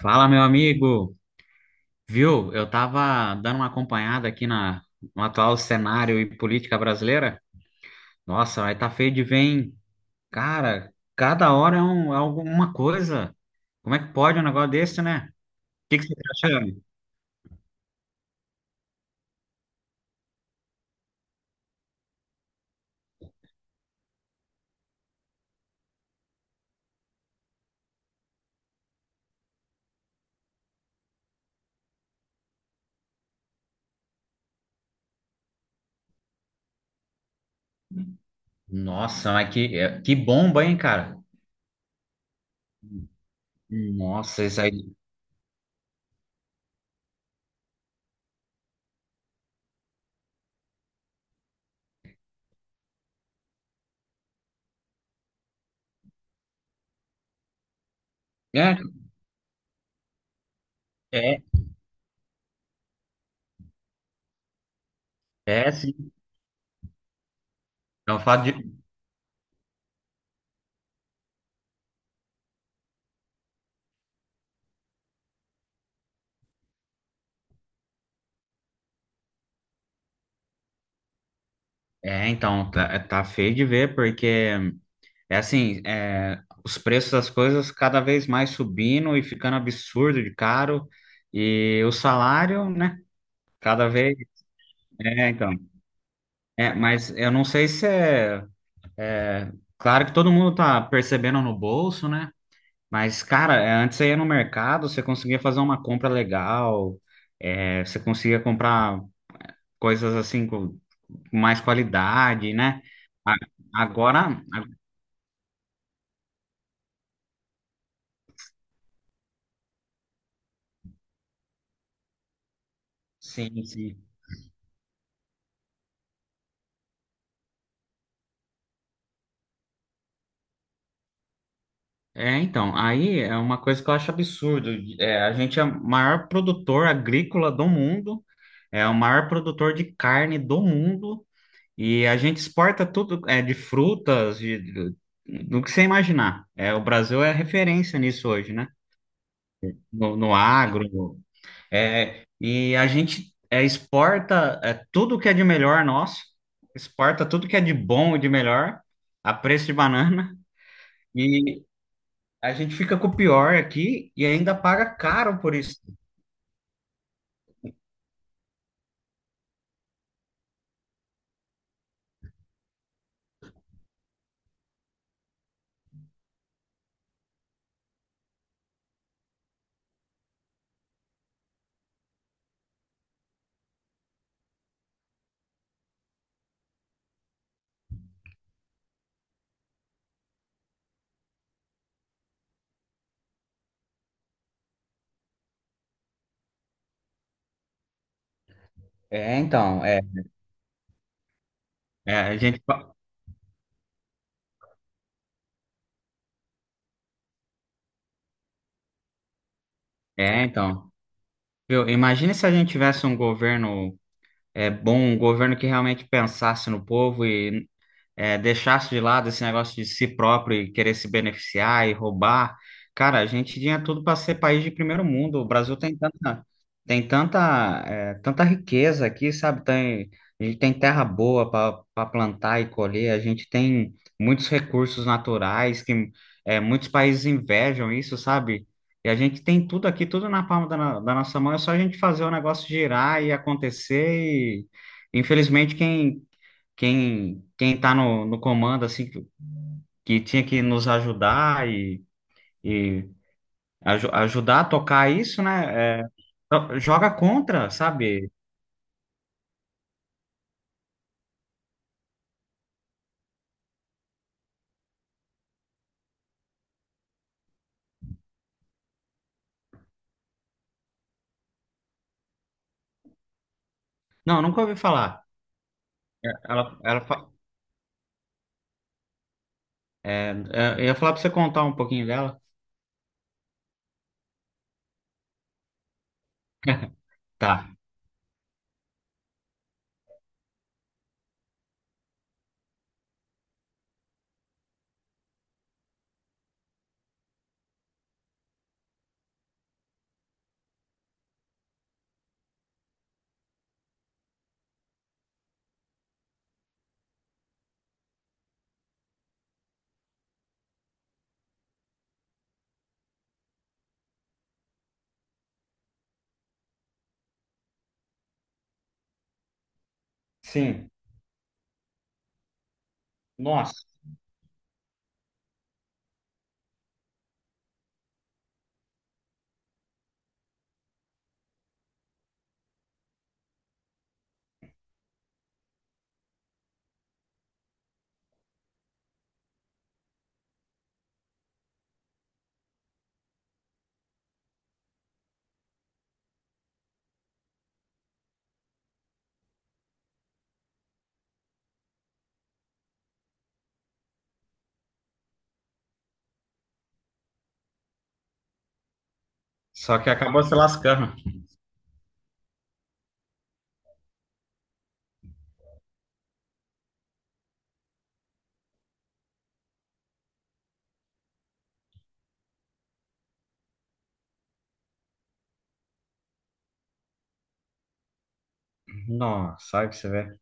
Fala, meu amigo. Viu? Eu tava dando uma acompanhada aqui no atual cenário e política brasileira. Nossa, vai tá feio de ver, hein? Cara, cada hora é alguma coisa. Como é que pode um negócio desse, né? O que você tá achando? Nossa, que bomba, hein, cara? Nossa, isso aí. É, é, sim. É o fato de. Tá, tá feio de ver, porque. É assim, os preços das coisas cada vez mais subindo e ficando absurdo de caro, e o salário, né? Cada vez. É, então. É, mas eu não sei se é, é. Claro que todo mundo tá percebendo no bolso, né? Mas, cara, antes você ia no mercado, você conseguia fazer uma compra legal, você conseguia comprar coisas assim com mais qualidade, né? A- Agora, a- sim, sim. É, então, aí é uma coisa que eu acho absurdo. A gente é o maior produtor agrícola do mundo, é o maior produtor de carne do mundo, e a gente exporta tudo, de frutas, do que você imaginar. É, o Brasil é referência nisso hoje, né? No agro. E a gente exporta tudo que é de melhor nosso, exporta tudo que é de bom e de melhor, a preço de banana. A gente fica com o pior aqui e ainda paga caro por isso. É, então, é. É, a gente. pa- É, então. Viu? Imagina se a gente tivesse um governo bom, um governo que realmente pensasse no povo e deixasse de lado esse negócio de si próprio e querer se beneficiar e roubar. Cara, a gente tinha tudo para ser país de primeiro mundo. O Brasil tem tanta, tanta riqueza aqui, sabe? Tem, a gente tem terra boa para plantar e colher, a gente tem muitos recursos naturais que muitos países invejam isso, sabe? E a gente tem tudo aqui, tudo na palma da, no- da nossa mão, é só a gente fazer o negócio girar e acontecer e, infelizmente, quem quem tá no comando assim que tinha que nos ajudar e ajudar a tocar isso, né? Joga contra, sabe? Não, nunca ouvi falar. Ela fa- é, é, eu ia falar pra você contar um pouquinho dela. Tá. Sim. Nossa. Só que acabou se lascando. Nossa, sabe o que você vê?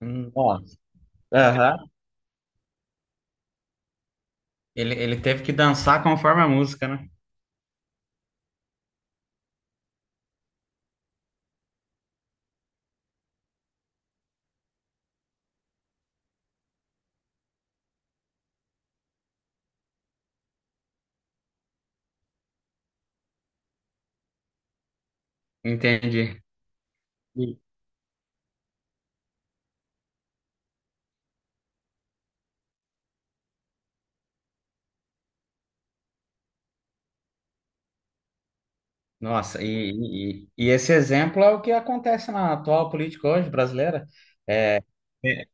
Nossa. Aham. Ele teve que dançar conforme a música, né? Entendi. Nossa, e esse exemplo é o que acontece na atual política hoje brasileira. É,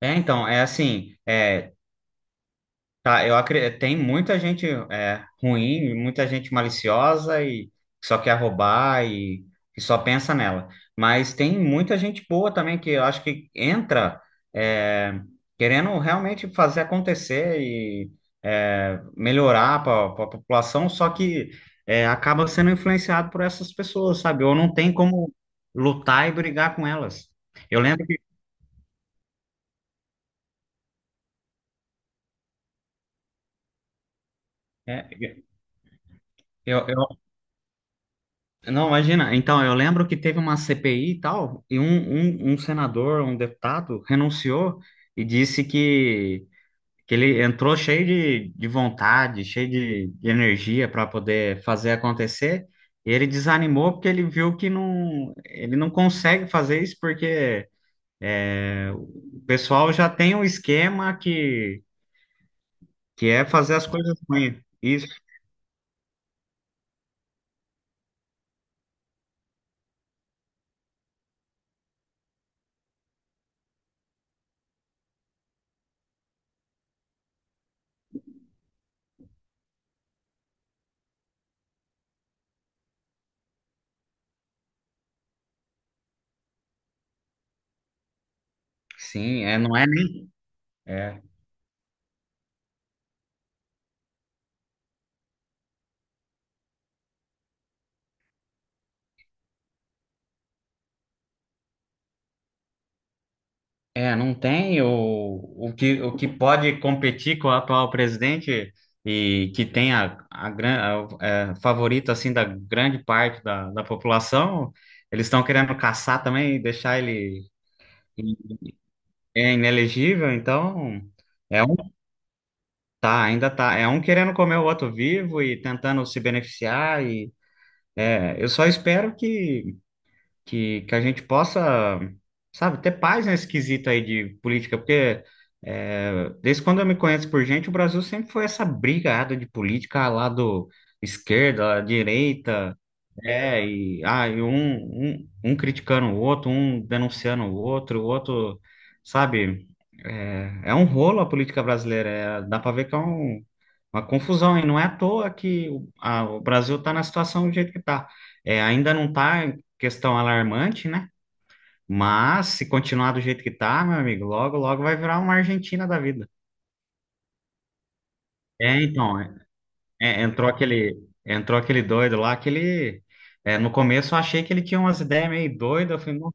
é, então, é assim, é, tá, eu acredito, tem muita gente ruim, muita gente maliciosa e que só quer roubar e que só pensa nela. Mas tem muita gente boa também que eu acho que entra é, querendo realmente fazer acontecer e melhorar para a população, só que acaba sendo influenciado por essas pessoas, sabe? Ou não tem como lutar e brigar com elas. Eu lembro que é, eu, eu- não, imagina. Então, eu lembro que teve uma CPI e tal, e um senador, um deputado, renunciou e disse que ele entrou cheio de vontade, cheio de energia para poder fazer acontecer, e ele desanimou porque ele viu que não, ele não consegue fazer isso porque o pessoal já tem um esquema que é fazer as coisas ruins. Isso, sim, é, não é nem. É, não tem o, o que pode competir com o atual presidente e que tem a, gran- a- é, favorito assim da grande parte da população, eles estão querendo caçar também e deixar ele in- é inelegível, então é um tá, ainda tá, é um querendo comer o outro vivo e tentando se beneficiar e eu só espero que que a gente possa, sabe, ter paz nesse quesito aí de política, porque desde quando eu me conheço por gente, o Brasil sempre foi essa brigada de política ah, lá do esquerda, lá direita, é, e, ah, e um, um, um criticando o outro, um denunciando o outro, sabe, é, é um rolo a política brasileira, é, dá para ver que é um uma confusão, e não é à toa o Brasil está na situação do jeito que está. Ainda não está em questão alarmante, né? Mas se continuar do jeito que está, meu amigo, logo, logo vai virar uma Argentina da vida. É, então, é- entrou entrou aquele doido lá, aquele. No começo eu achei que ele tinha umas ideias meio doidas. Eu falei, "Não,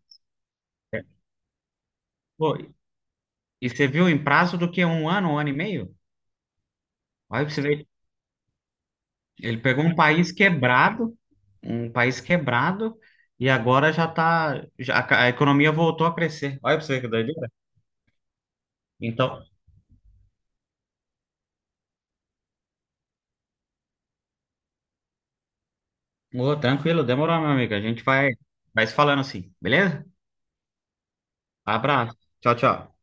pô, e você viu em prazo do que um ano e meio? Olha pra você ver. Ele pegou um país quebrado, e agora já tá, a economia voltou a crescer. Olha pra você que doideira. Então, ô, tranquilo, demorou, meu amigo. A gente vai, vai se falando assim, beleza? Abraço. Tchau, tchau.